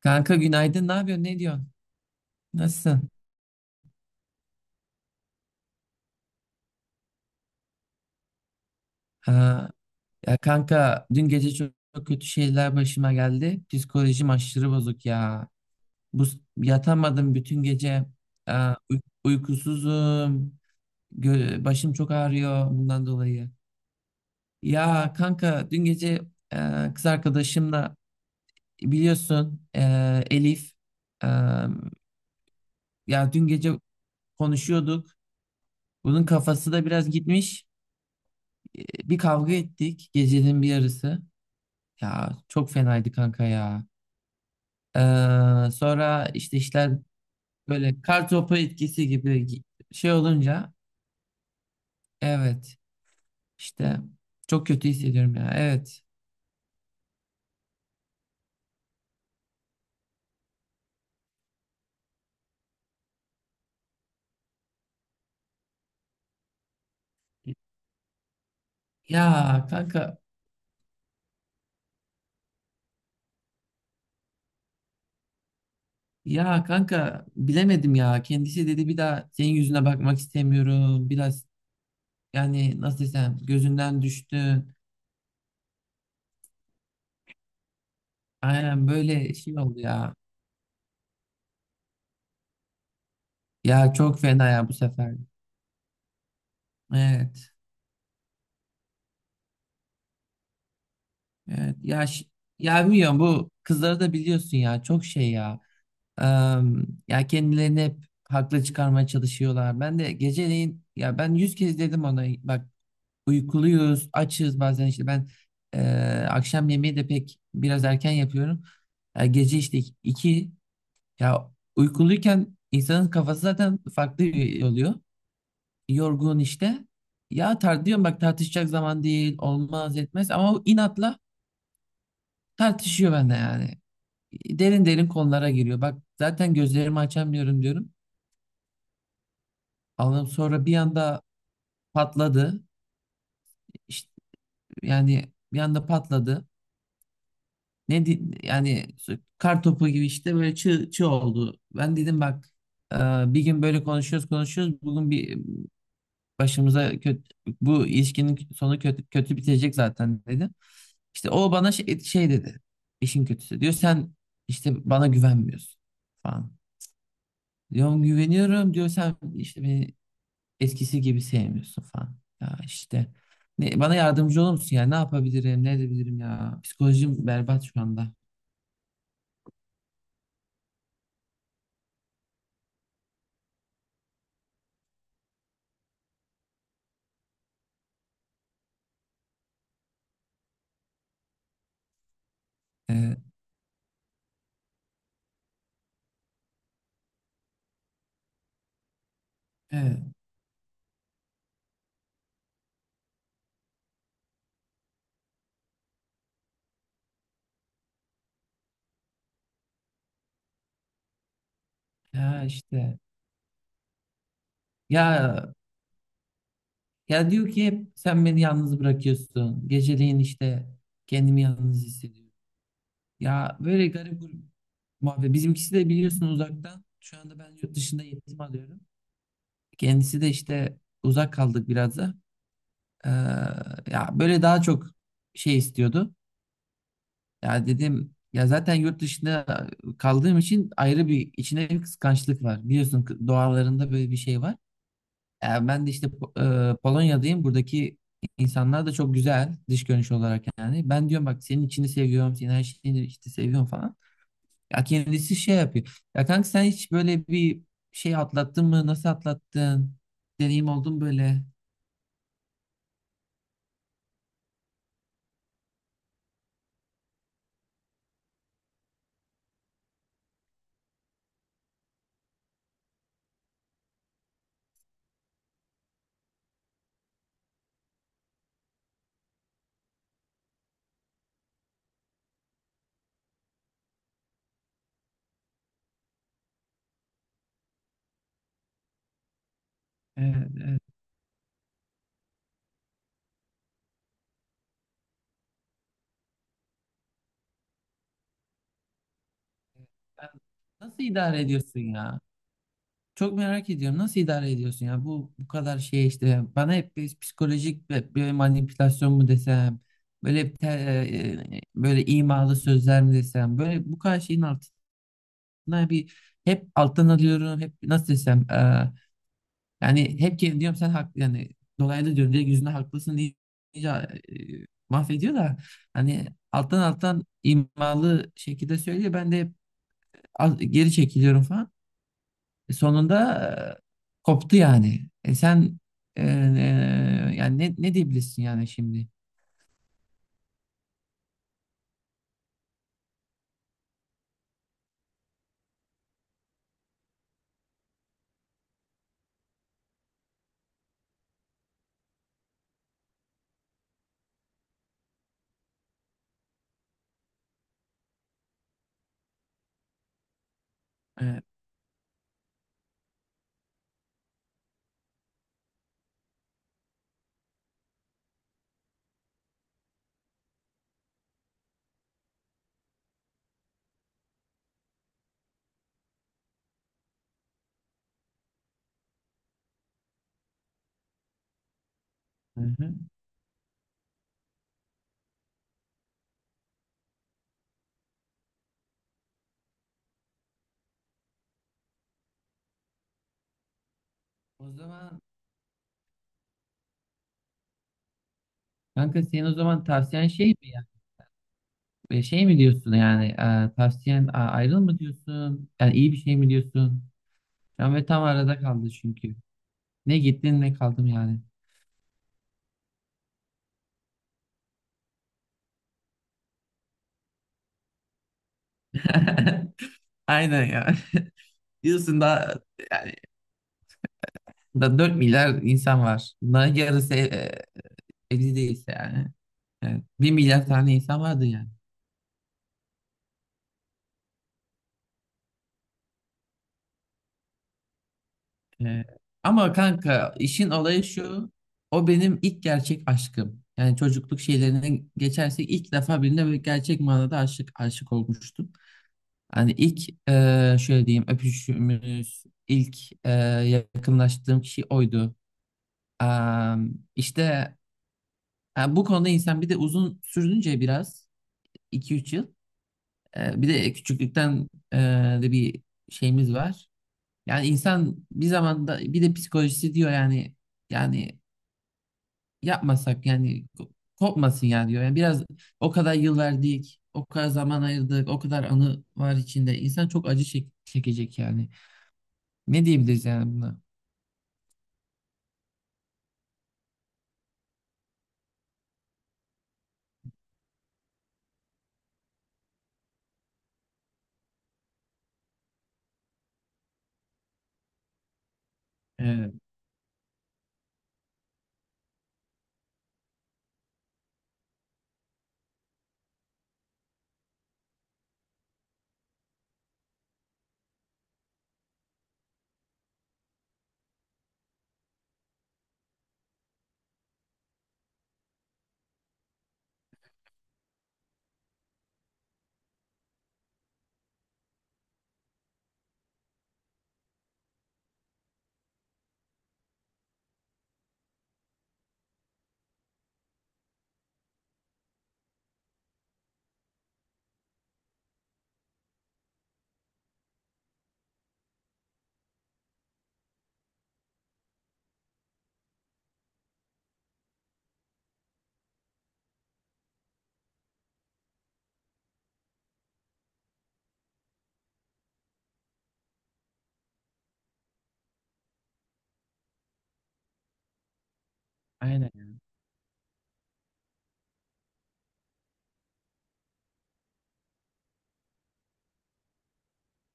Kanka günaydın. Ne yapıyorsun? Ne diyorsun? Nasılsın? Ha, ya kanka dün gece çok, çok kötü şeyler başıma geldi. Psikolojim aşırı bozuk ya. Bu yatamadım bütün gece. Aa, uykusuzum. Başım çok ağrıyor bundan dolayı. Ya kanka dün gece kız arkadaşımla biliyorsun Elif e, ya dün gece konuşuyorduk. Bunun kafası da biraz gitmiş. Bir kavga ettik gecenin bir yarısı. Ya çok fenaydı kanka ya. Sonra işte işler böyle kar topu etkisi gibi şey olunca evet işte çok kötü hissediyorum ya. Evet. Ya kanka ya kanka bilemedim ya. Kendisi dedi bir daha senin yüzüne bakmak istemiyorum. Biraz yani nasıl desem gözünden düştün. Aynen böyle şey oldu ya. Ya çok fena ya bu sefer. Evet. Evet, ya ya bilmiyorum bu kızları da biliyorsun ya çok şey ya. Ya kendilerini hep haklı çıkarmaya çalışıyorlar. Ben de geceleyin ya ben yüz kez dedim ona bak uykuluyuz, açız bazen işte ben e, akşam yemeği de pek biraz erken yapıyorum. Ya gece işte iki ya uykuluyken insanın kafası zaten farklı oluyor. Yorgun işte. Ya diyorum bak tartışacak zaman değil, olmaz etmez ama o inatla tartışıyor bende yani. Derin derin konulara giriyor. Bak zaten gözlerimi açamıyorum diyorum. Allahım sonra bir anda patladı. İşte, yani bir anda patladı. Ne di- yani kar topu gibi işte böyle çığ, çığ oldu. Ben dedim bak e, bir gün böyle konuşuyoruz konuşuyoruz. Bugün bir başımıza kötü, bu ilişkinin sonu kötü, kötü bitecek zaten dedim. İşte o bana şey, şey dedi. İşin kötüsü diyor sen işte bana güvenmiyorsun falan. Diyorum güveniyorum diyor sen işte beni eskisi gibi sevmiyorsun falan. Ya işte ne, bana yardımcı olur musun ya? Ne yapabilirim? Ne edebilirim ya? Psikolojim berbat şu anda. Ee, evet, ya işte ya ya diyor ki hep sen beni yalnız bırakıyorsun. Geceleyin işte kendimi yalnız hissediyorum. Ya böyle garip bir muhabbet. Bizimkisi de biliyorsun uzaktan. Şu anda ben yurt dışında eğitim alıyorum. Kendisi de işte uzak kaldık biraz da. Ee, ya böyle daha çok şey istiyordu. Ya dedim ya zaten yurt dışında kaldığım için ayrı bir içine bir kıskançlık var. Biliyorsun doğalarında böyle bir şey var. Ya ben de işte Polonya'dayım. Buradaki insanlar da çok güzel dış görünüş olarak yani. Ben diyorum bak senin içini seviyorum, senin her şeyini işte seviyorum falan. Ya kendisi şey yapıyor. Ya kanka sen hiç böyle bir şey atlattın mı? Nasıl atlattın? Deneyim oldu mu böyle? Ee, e, nasıl idare ediyorsun ya? Çok merak ediyorum. Nasıl idare ediyorsun ya? Bu kadar şey işte bana hep bir psikolojik bir, manipülasyon mu desem, böyle bir böyle imalı sözler mi desem, böyle bu kadar şeyin altına bir hep alttan alıyorum. Hep nasıl desem yani hep kendim diyorum sen haklı yani dolaylı diyorum direkt yüzüne haklısın deyince mahvediyor da hani alttan alttan imalı şekilde söylüyor. Ben de hep geri çekiliyorum falan. Sonunda koptu yani. Sen yani ne diyebilirsin yani şimdi? E, hı hı. O zaman kanka senin o zaman tavsiyen şey mi ya? Şey mi diyorsun yani tavsiyen ayrıl mı diyorsun? Yani iyi bir şey mi diyorsun? Ben ve tam arada kaldı çünkü. Ne gittin ne kaldım yani. Aynen ya. Diyorsun da yani da 4 milyar insan var. Bunların yarısı evli değilse yani. Evet. 1 milyar tane insan vardı yani. Ee, ama kanka işin olayı şu. O benim ilk gerçek aşkım. Yani çocukluk şeylerine geçersek ilk defa birine böyle gerçek manada aşık aşık olmuştum. Hani ilk şöyle diyeyim öpüşümüz, ilk e, yakınlaştığım kişi oydu. İşte ha, bu konuda insan bir de uzun sürdünce biraz 2-3 yıl. Bir de küçüklükten de bir şeyimiz var. Yani insan bir zamanda bir de psikolojisi diyor yani yapmasak yani kopmasın ya diyor. Yani biraz o kadar yıl verdik, o kadar zaman ayırdık, o kadar anı var içinde. İnsan çok acı çekecek yani. Ne diyebiliriz yani buna? Evet, aynen.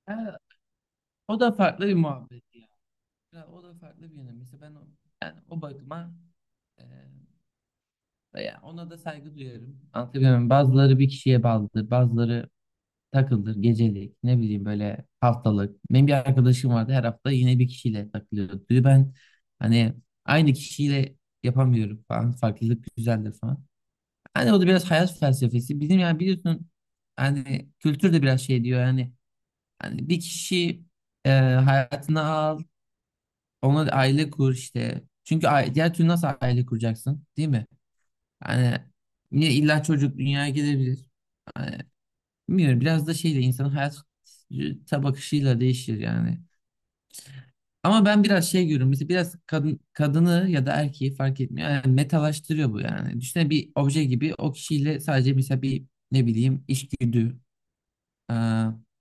Ha, o da farklı bir muhabbet ya. Ya o da farklı bir yönü. Mesela ben o, yani o bakıma e, ya ona da saygı duyarım. Anlatabiliyor muyum? Bazıları bir kişiye bağlıdır, bazıları takılır, gecelik, ne bileyim böyle haftalık. Benim bir arkadaşım vardı her hafta yine bir kişiyle takılıyordu. Diyor, ben hani aynı kişiyle yapamıyorum falan. Farklılık güzeldir falan. Hani o da biraz hayat felsefesi. Bizim yani biliyorsun hani kültür de biraz şey diyor yani hani bir kişi hayatına al, ona da aile kur işte. Çünkü diğer türlü nasıl aile kuracaksın, değil mi? Hani yine illa çocuk dünyaya gelebilir. Hani, bilmiyorum biraz da şeyle insanın hayata bakışıyla değişir yani. Ama ben biraz şey görüyorum. Mesela biraz kadın kadını ya da erkeği fark etmiyor. Yani metalaştırıyor bu yani. Düşünsene bir obje gibi o kişiyle sadece mesela bir ne bileyim içgüdü e,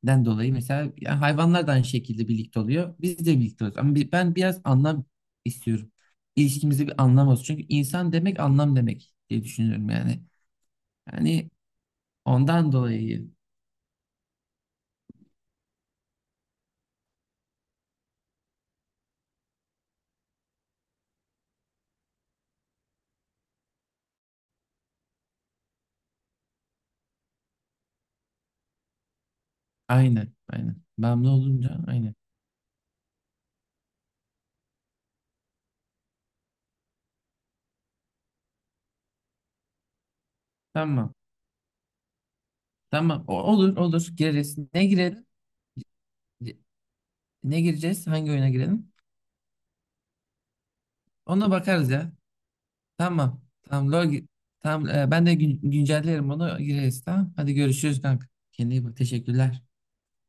den dolayı mesela yani hayvanlar da aynı şekilde birlikte oluyor. Biz de birlikte oluyoruz. Ama ben biraz anlam istiyorum. İlişkimize bir anlam olsun. Çünkü insan demek anlam demek diye düşünüyorum yani. Yani ondan dolayı aynı. Aynen. Bağımlı olunca aynı. Tamam. Tamam. Olur olur. Gireriz. Ne girelim? Ne gireceğiz? Hangi oyuna girelim? Ona bakarız ya. Tamam. Tamam. LoL tamam. Ben de güncellerim onu gireriz. Tamam. Hadi görüşürüz kanka. Kendine iyi bak. Teşekkürler.